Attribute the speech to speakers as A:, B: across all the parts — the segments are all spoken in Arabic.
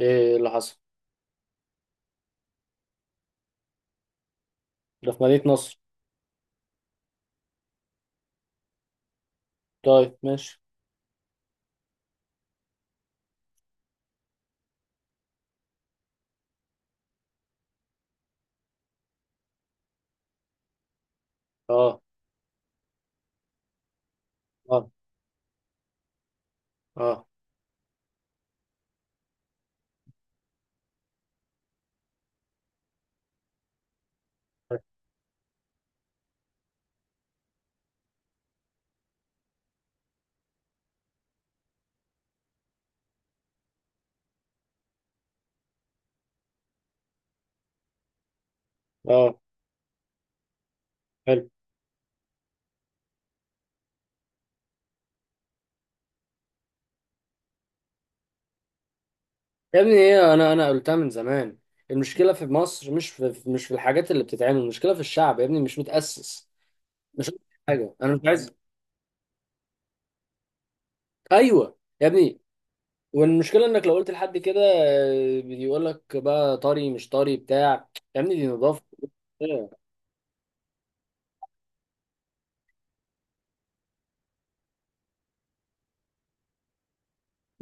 A: ايه اللي حصل؟ ده في مدينة نصر. طيب ماشي. اه اه اه اه. حلو. يا ابني ايه، انا قلتها من زمان. المشكلة في مصر مش في الحاجات اللي بتتعمل، المشكلة في الشعب يا ابني، مش متأسس. مش قلت حاجة، انا مش عايز. ايوه يا ابني، والمشكلة انك لو قلت لحد كده آه، بيقول لك بقى طري مش طري بتاع. يا ابني دي نظافة. إيه؟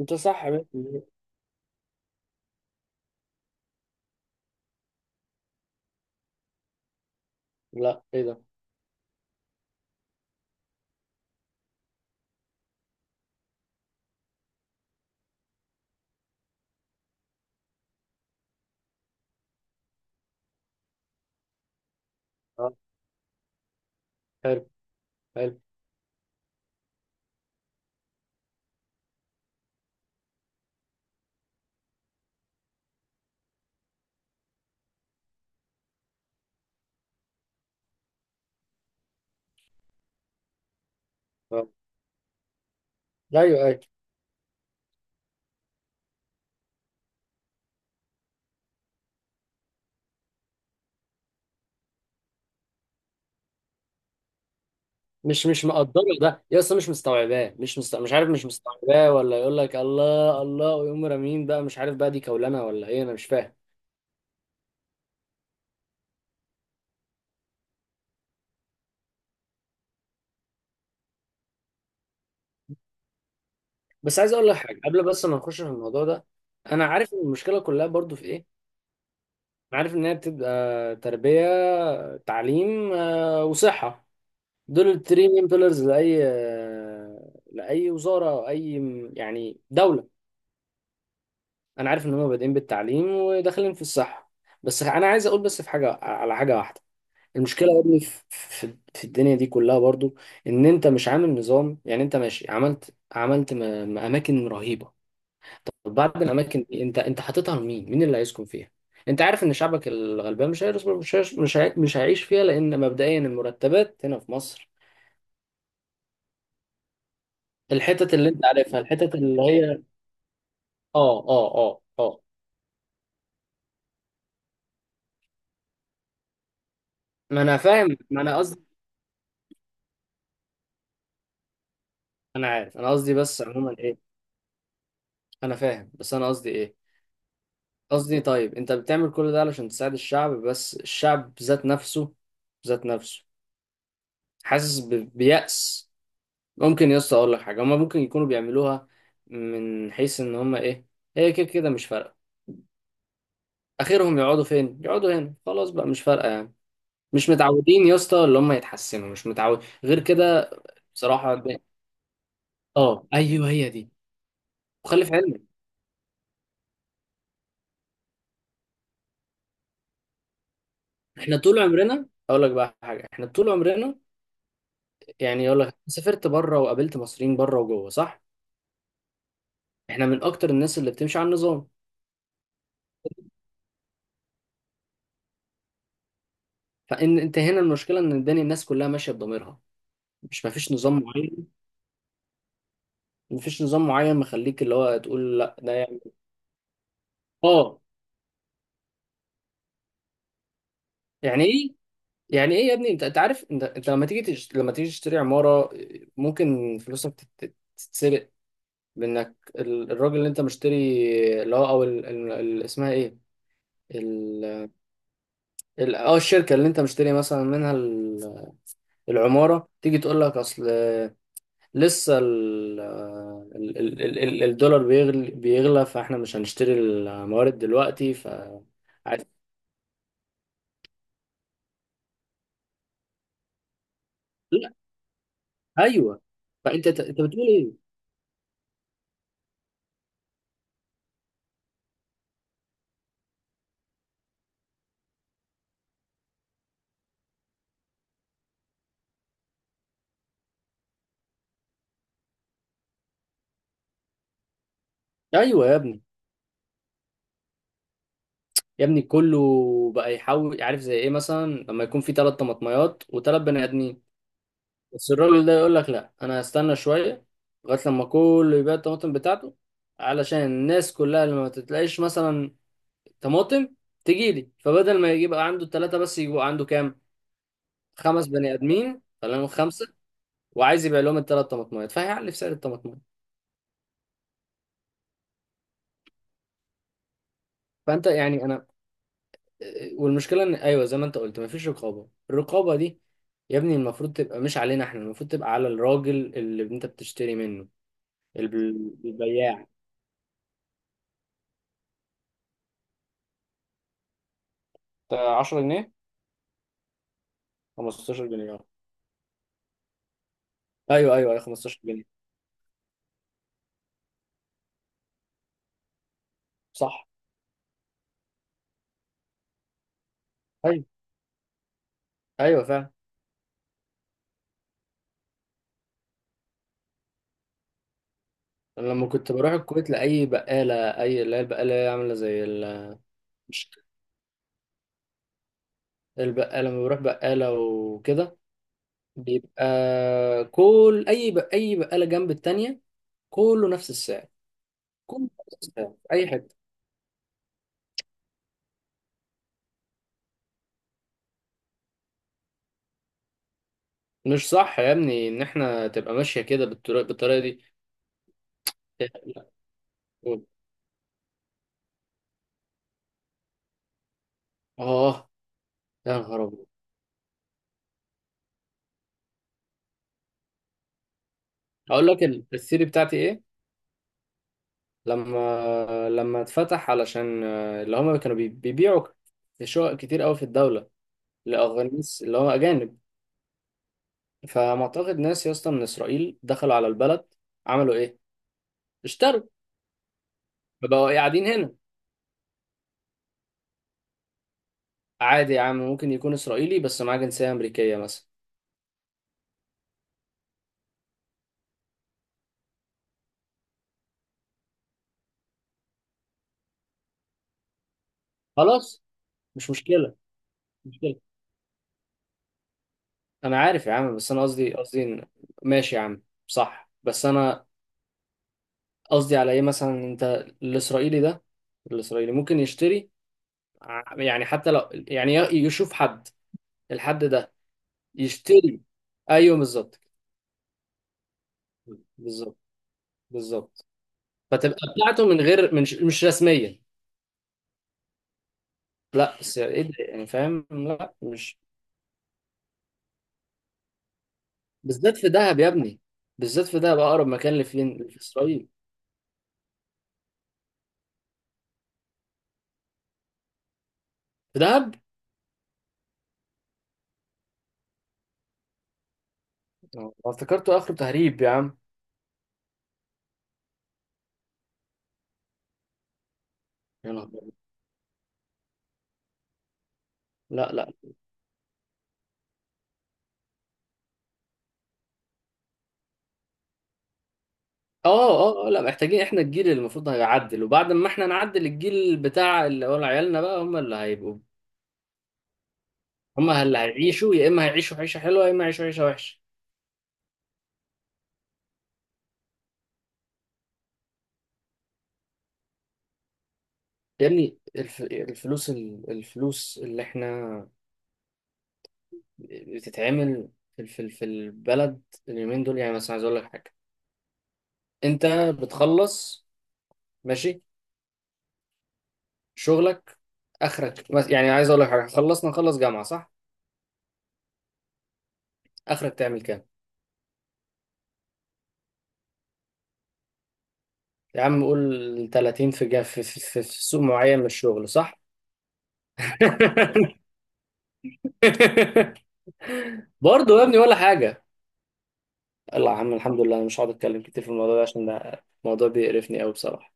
A: انت صح يا ابني. لا ايه ده؟ اه حلو. حلو. اه ايوه ايوه. مش مقدره ده يا اسطى، مش مستوعباه، مش عارف، مش مستوعباه، ولا يقول لك الله الله، ويقوم رامين بقى، مش عارف بقى دي كولنا ولا ايه، انا مش فاهم. بس عايز اقول لك حاجه قبل بس ما نخش في الموضوع ده. انا عارف إن المشكله كلها برضو في ايه. انا عارف ان هي بتبقى تربيه، تعليم آه، وصحه. دول التري مين بيلرز لاي آه، لاي وزاره او اي يعني دوله. انا عارف ان هم بادئين بالتعليم وداخلين في الصحه. بس انا عايز اقول بس في حاجه على حاجه واحده. المشكلة يا ابني في الدنيا دي كلها برضو، ان انت مش عامل نظام. يعني انت ماشي عملت اماكن رهيبة. طب بعد الاماكن دي انت انت حاططها لمين؟ مين اللي هيسكن فيها؟ انت عارف ان شعبك الغلبان مش هيرس- مش هيش- مش هي- مش هيعيش فيها، لان مبدئيا المرتبات هنا في مصر. الحتت اللي انت عارفها، الحتت اللي هي اه اه اه اه. ما انا فاهم، ما انا قصدي. انا عارف، انا قصدي، بس عموما ايه. انا فاهم بس انا قصدي ايه. قصدي طيب انت بتعمل كل ده علشان تساعد الشعب، بس الشعب ذات نفسه، ذات نفسه حاسس بيأس. ممكن يا اسطى اقول لك حاجه، هما ممكن يكونوا بيعملوها من حيث ان هما ايه، هي كده كده مش فارقه. اخرهم يقعدوا فين؟ يقعدوا هنا خلاص بقى، مش فارقه يعني. مش متعودين يا اسطى اللي هما يتحسنوا، مش متعود غير كده. بصراحه ده- اه ايوه هي دي. وخلي في علمك، احنا طول عمرنا، اقول لك بقى حاجه، احنا طول عمرنا، يعني اقول لك، سافرت بره وقابلت مصريين بره وجوه، صح؟ احنا من اكتر الناس اللي بتمشي على النظام. فان انت هنا المشكله ان الدنيا، الناس كلها ماشيه بضميرها، مش مفيش نظام معين. مفيش نظام معين مخليك اللي هو تقول لا ده يعني. اه. يعني ايه؟ يعني ايه يا ابني؟ انت عارف، انت لما تيجي لما تيجي تشتري عماره، ممكن فلوسك تتسرق. بانك الراجل اللي انت مشتري اللي هو، او اسمها ايه، ال... اه الشركه اللي انت مشتري مثلا منها، العماره، تيجي تقول لك اصل لسه الدولار بيغلى بيغلى، فاحنا مش هنشتري الموارد دلوقتي ف عايز- لا. ايوه. فانت انت بتقول ايه؟ ايوه يا ابني. يا ابني كله بقى يحاول، عارف زي ايه؟ مثلا لما يكون في ثلاث طماطميات وثلاث بني ادمين، بس الراجل ده يقول لك لا انا هستنى شويه، لغايه لما كله يبيع الطماطم بتاعته. علشان الناس كلها اللي ما تتلاقيش مثلا طماطم تجيلي، فبدل ما يبقى عنده ثلاثه بس، يبقى عنده كام؟ خمس بني ادمين، خلينا نقول خمسه، وعايز يبيع لهم الثلاث طماطمات، فهيعلي في سعر الطماطمات. فانت يعني انا، والمشكله ان، ايوه زي ما انت قلت، مفيش رقابه. الرقابه دي يا ابني المفروض تبقى مش علينا احنا، المفروض تبقى على الراجل اللي انت بتشتري منه، الب- البياع. أنت 10 جنيه. 15 جنيه، اه. ايوه ايوه ايوه، 15 جنيه. صح. ايوه ايوه فعلا. انا لما كنت بروح الكويت، لاي بقاله، اي اللي هي البقاله اللي هي عامله زي البقاله، لما بروح بقاله وكده، بيبقى كل اي بقاله جنب التانية، كله نفس السعر. كله نفس السعر في اي حته. مش صح يا ابني ان احنا تبقى ماشيه كده بالطريقه دي. لا. قول. اه. يا نهار ابيض. اقول لك الثيري بتاعتي ايه، لما لما اتفتح علشان آه، اللي هم كانوا بيبيعوا شقق كتير قوي في الدوله، لاغانيس اللي هم اجانب. فمعتقد ناس يا اسطى من اسرائيل دخلوا على البلد، عملوا ايه؟ اشتروا، فبقوا قاعدين هنا. عادي يا عم، ممكن يكون اسرائيلي بس معاه جنسية امريكية مثلا. خلاص. مش مشكلة، مش مشكلة، انا عارف يا عم، بس انا قصدي إن، ماشي يا عم، صح، بس انا قصدي على ايه، مثلا انت الاسرائيلي ده، الاسرائيلي ممكن يشتري، يعني حتى لو يعني يشوف حد، الحد ده يشتري. ايوه بالظبط. بالظبط بالظبط. فتبقى بتاعته من غير، من مش رسميا. لا بس ايه ده يعني، فاهم، لا مش. بالذات في دهب يا ابني، بالذات في دهب، اقرب مكان لفين في اسرائيل. في دهب. آه، افتكرته اخر تهريب يا عم. يا نهار أبيض. لا لا. اه اه. آه، لا، محتاجين احنا الجيل اللي المفروض هيعدل، وبعد ما احنا نعدل، الجيل بتاع اللي هو عيالنا بقى هم اللي هيبقوا، هم اللي هيعيشوا، يا اما هيعيشوا عيشه حلوه، يا اما هيعيشوا عيشه وحشه. يا ابني الفلوس الفلوس اللي احنا بتتعمل في البلد اليومين دول، يعني مثلا عايز اقول لك حاجه، انت بتخلص ماشي شغلك، اخرك، بس يعني عايز اقول لك حاجه، خلصنا نخلص جامعه، صح؟ اخرك تعمل كام؟ يا عم قول 30، في جا في سوق معين من الشغل، صح؟ برضه يا ابني ولا حاجه. الله يا عم، الحمد لله، انا مش هقعد اتكلم كتير في الموضوع ده عشان ده الموضوع بيقرفني قوي بصراحه.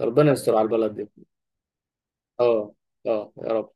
A: ربنا يستر على البلد دي. اه. اه يا رب.